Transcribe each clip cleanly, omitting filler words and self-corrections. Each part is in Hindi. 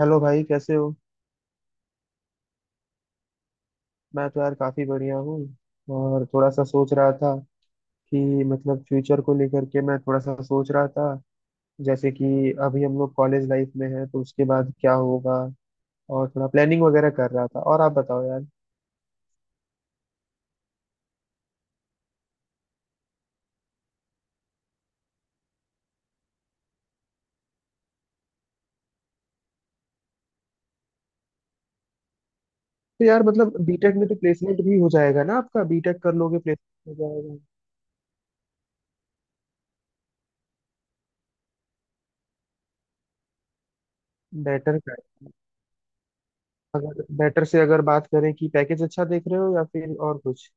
हेलो भाई कैसे हो। मैं तो यार काफी बढ़िया हूँ। और थोड़ा सा सोच रहा था कि मतलब फ्यूचर को लेकर के मैं थोड़ा सा सोच रहा था। जैसे कि अभी हम लोग कॉलेज लाइफ में हैं तो उसके बाद क्या होगा, और थोड़ा प्लानिंग वगैरह कर रहा था। और आप बताओ यार। तो यार मतलब बीटेक में तो प्लेसमेंट भी हो जाएगा ना, आपका बीटेक कर लोगे प्लेसमेंट हो जाएगा। बेटर का अगर बेटर से अगर बात करें कि पैकेज अच्छा देख रहे हो या फिर और कुछ।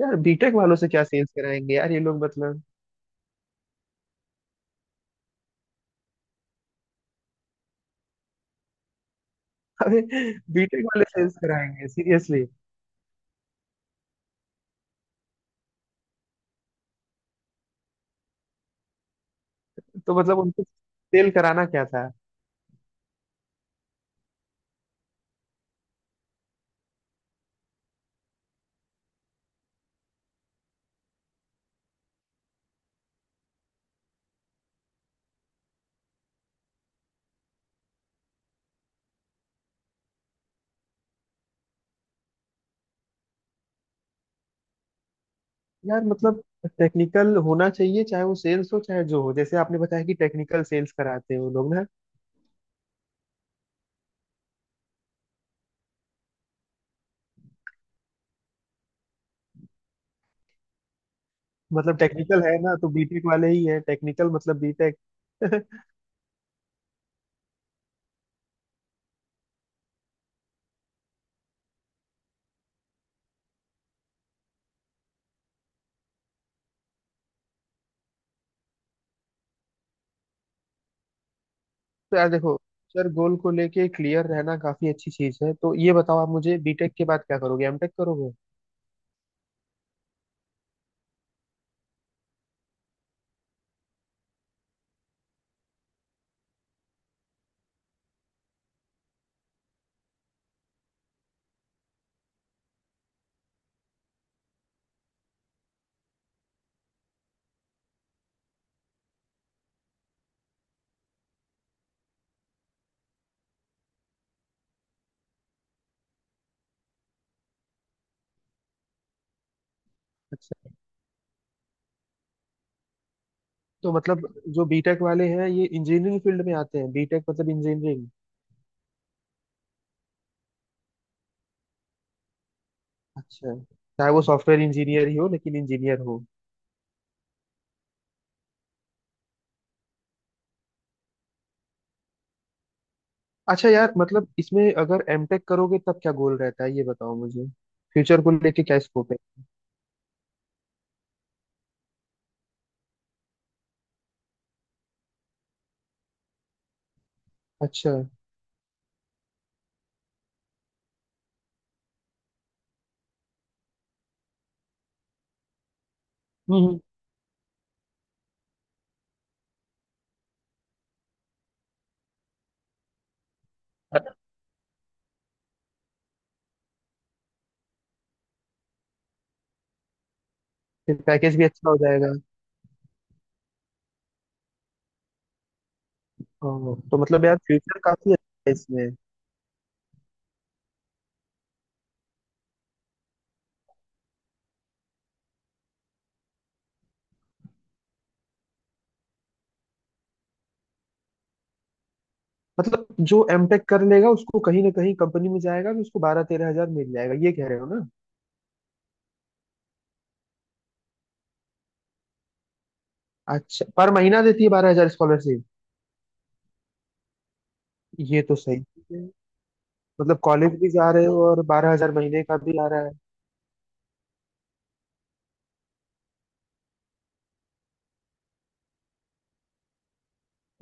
यार बीटेक वालों से क्या सेल्स कराएंगे यार, ये लोग मतलब। अरे बीटेक वाले सेल्स कराएंगे सीरियसली? तो मतलब उनको सेल कराना क्या था। यार मतलब टेक्निकल होना चाहिए, चाहे वो सेल्स हो चाहे जो हो, जैसे आपने बताया कि टेक्निकल सेल्स कराते हैं वो लोग ना। मतलब टेक्निकल है ना तो बीटेक वाले ही है टेक्निकल, मतलब बीटेक। तो यार देखो, सर गोल को लेके क्लियर रहना काफी अच्छी चीज है, तो ये बताओ आप मुझे, बीटेक के बाद क्या करोगे, एमटेक करोगे? अच्छा। तो मतलब जो बीटेक वाले हैं ये इंजीनियरिंग फील्ड में आते हैं, बीटेक मतलब इंजीनियरिंग। अच्छा। चाहे वो सॉफ्टवेयर इंजीनियर ही हो लेकिन इंजीनियर हो। अच्छा यार, मतलब इसमें अगर एमटेक करोगे तब क्या गोल रहता है ये बताओ मुझे, फ्यूचर को लेके क्या स्कोप है। अच्छा। हम्म, फिर पैकेज भी अच्छा हो जाएगा। ओह, तो मतलब यार फ्यूचर काफी अच्छा है इसमें। मतलब जो एमटेक कर लेगा उसको कहीं ना कहीं कंपनी में जाएगा तो उसको 12-13 हजार मिल जाएगा, ये कह रहे हो ना? अच्छा, पर महीना देती है 12,000 स्कॉलरशिप? ये तो सही है। मतलब कॉलेज भी जा रहे हो और 12,000 महीने का भी आ रहा है।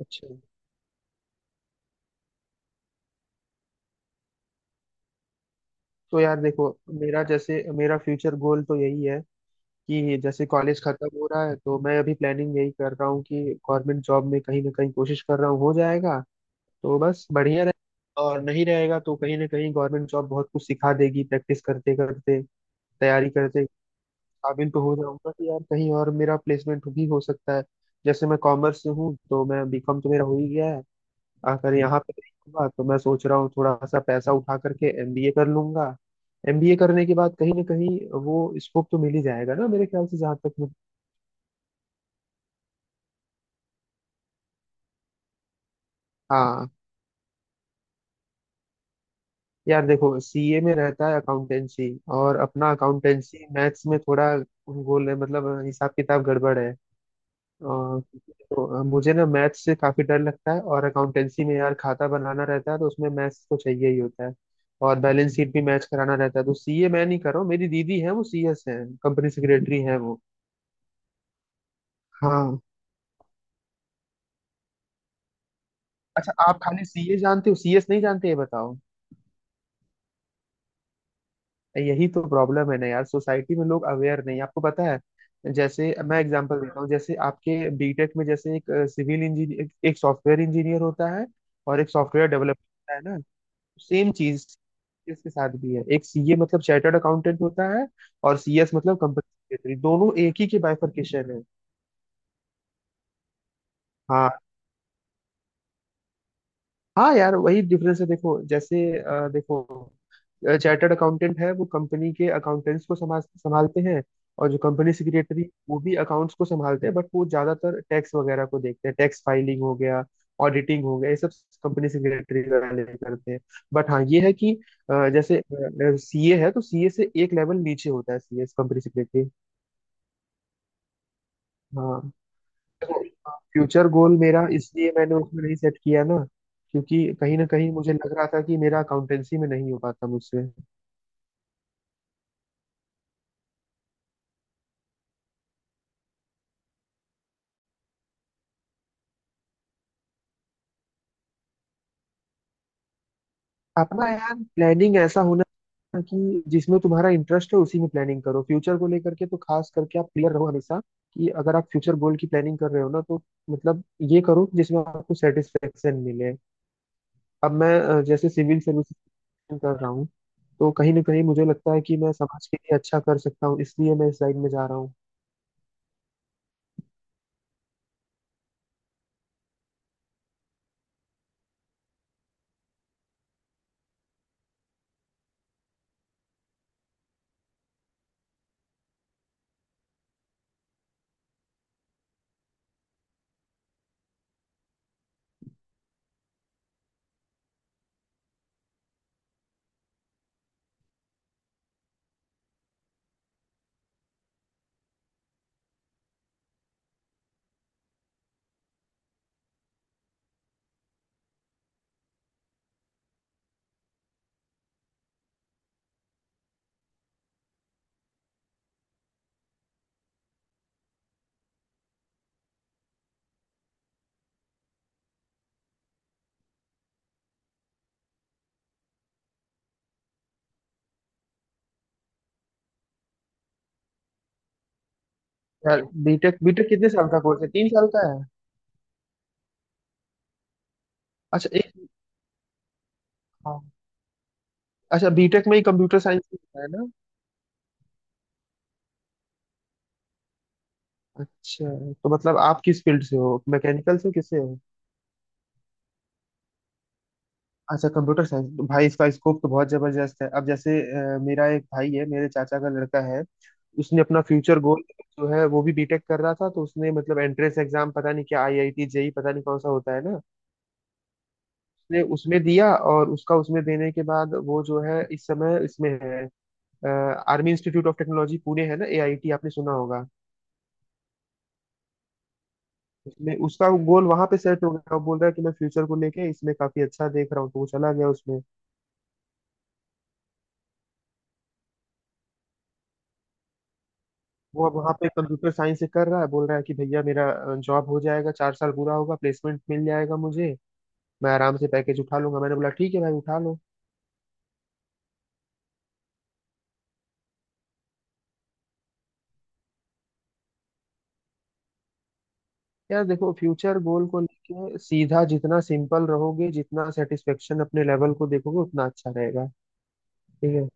अच्छा। तो यार देखो, मेरा जैसे मेरा फ्यूचर गोल तो यही है कि जैसे कॉलेज खत्म हो रहा है तो मैं अभी प्लानिंग यही कर रहा हूँ कि गवर्नमेंट जॉब में कहीं ना कहीं कोशिश कर रहा हूँ, हो जाएगा तो बस बढ़िया रहे। और नहीं रहेगा तो कहीं ना कहीं गवर्नमेंट जॉब बहुत कुछ सिखा देगी, प्रैक्टिस करते करते तैयारी करते, काबिल तो हो जाऊंगा कि यार कहीं और मेरा प्लेसमेंट भी हो सकता है। जैसे मैं कॉमर्स से हूँ तो मैं बीकॉम तो मेरा हो ही गया है। अगर यहाँ पे नहीं होगा तो मैं सोच रहा हूँ थोड़ा सा पैसा उठा करके एमबीए कर लूंगा। एमबीए करने के बाद कहीं ना कहीं, वो स्कोप तो मिल ही जाएगा ना मेरे ख्याल से जहाँ तक मुझे। हाँ। यार देखो सीए में रहता है अकाउंटेंसी, और अपना अकाउंटेंसी मैथ्स में थोड़ा गोल है, मतलब हिसाब किताब गड़बड़ है। तो मुझे ना मैथ्स से काफी डर लगता है, और अकाउंटेंसी में यार खाता बनाना रहता है तो उसमें मैथ्स तो चाहिए ही होता है, और बैलेंस शीट भी मैच कराना रहता है, तो सीए मैं नहीं कर रहा हूँ। मेरी दीदी है वो सीएस है, कंपनी सेक्रेटरी है वो। हाँ। अच्छा आप खाली सीए जानते हो, सीएस नहीं जानते, ये बताओ? यही तो प्रॉब्लम है ना यार, सोसाइटी में लोग अवेयर नहीं, आपको पता है। जैसे मैं एग्जांपल देता हूँ, जैसे आपके बीटेक में जैसे एक सिविल इंजीनियर, एक सॉफ्टवेयर इंजीनियर होता है, और एक सॉफ्टवेयर डेवलपर होता है। सेम चीज इसके साथ भी है, एक सीए मतलब चार्टर्ड अकाउंटेंट होता है, और सीएस मतलब कंपनी सेक्रेटरी। दोनों एक ही के बाइफरकेशन है। हाँ। हाँ यार वही डिफरेंस है, देखो जैसे देखो, चार्टर्ड अकाउंटेंट है वो कंपनी के अकाउंटेंट्स को संभाल संभालते हैं। और जो कंपनी सेक्रेटरी वो भी अकाउंट्स को संभालते हैं, बट वो ज्यादातर टैक्स वगैरह को देखते हैं, टैक्स फाइलिंग हो गया, ऑडिटिंग हो गया, ये सब कंपनी सेक्रेटरी वाले करते हैं। बट हाँ ये है कि जैसे सीए है तो सीए से एक लेवल नीचे होता है सीए कंपनी सेक्रेटरी। हाँ। फ्यूचर गोल मेरा इसलिए मैंने उसमें नहीं सेट किया ना, क्योंकि कहीं ना कहीं मुझे लग रहा था कि मेरा अकाउंटेंसी में नहीं हो पाता मुझसे। अपना यार प्लानिंग ऐसा होना चाहिए कि जिसमें तुम्हारा इंटरेस्ट है उसी में प्लानिंग करो, फ्यूचर को लेकर के तो खास करके आप क्लियर रहो हमेशा कि अगर आप फ्यूचर गोल की प्लानिंग कर रहे हो ना, तो मतलब ये करो जिसमें आपको सेटिस्फेक्शन मिले। अब मैं जैसे सिविल सर्विस कर रहा हूँ, तो कहीं ना कहीं मुझे लगता है कि मैं समाज के लिए अच्छा कर सकता हूँ, इसलिए मैं इस लाइन में जा रहा हूँ। यार बीटेक बीटेक कितने साल का कोर्स है, 3 साल का है? अच्छा। एक, हाँ। अच्छा बीटेक में ही कंप्यूटर साइंस होता है ना? अच्छा। तो मतलब आप किस फील्ड से हो, मैकेनिकल से किससे हो? अच्छा कंप्यूटर साइंस भाई, इसका स्कोप तो बहुत जबरदस्त है अब। जैसे मेरा एक भाई है, मेरे चाचा का लड़का है, उसने अपना फ्यूचर गोल, जो है वो भी बीटेक कर रहा था, तो उसने मतलब एंट्रेंस एग्जाम पता नहीं क्या आईआईटी जेई पता नहीं कौन सा होता है ना। उसने उसमें दिया, और उसका उसमें देने के बाद वो जो है इस समय इसमें है Army Institute of Technology Pune, है ना, एआईटी, आपने सुना होगा। उसमें उसका गोल वहां पे सेट हो गया, वो बोल रहा है कि मैं फ्यूचर को लेके इसमें काफी अच्छा देख रहा हूँ, तो वो चला गया उसमें। वो अब वहां पे कंप्यूटर साइंस से कर रहा है, बोल रहा है कि भैया मेरा जॉब हो जाएगा, 4 साल पूरा होगा प्लेसमेंट मिल जाएगा मुझे, मैं आराम से पैकेज उठा लूंगा, मैंने बोला ठीक है भाई उठा लो। यार देखो फ्यूचर गोल को लेके सीधा, जितना सिंपल रहोगे जितना सेटिस्फेक्शन अपने लेवल को देखोगे उतना अच्छा रहेगा। ठीक है।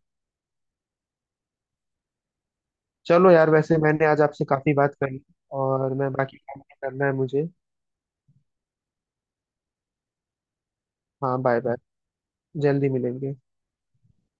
चलो यार वैसे मैंने आज आपसे काफी बात करी, और मैं बाकी काम भी करना है मुझे। हाँ बाय बाय, जल्दी मिलेंगे।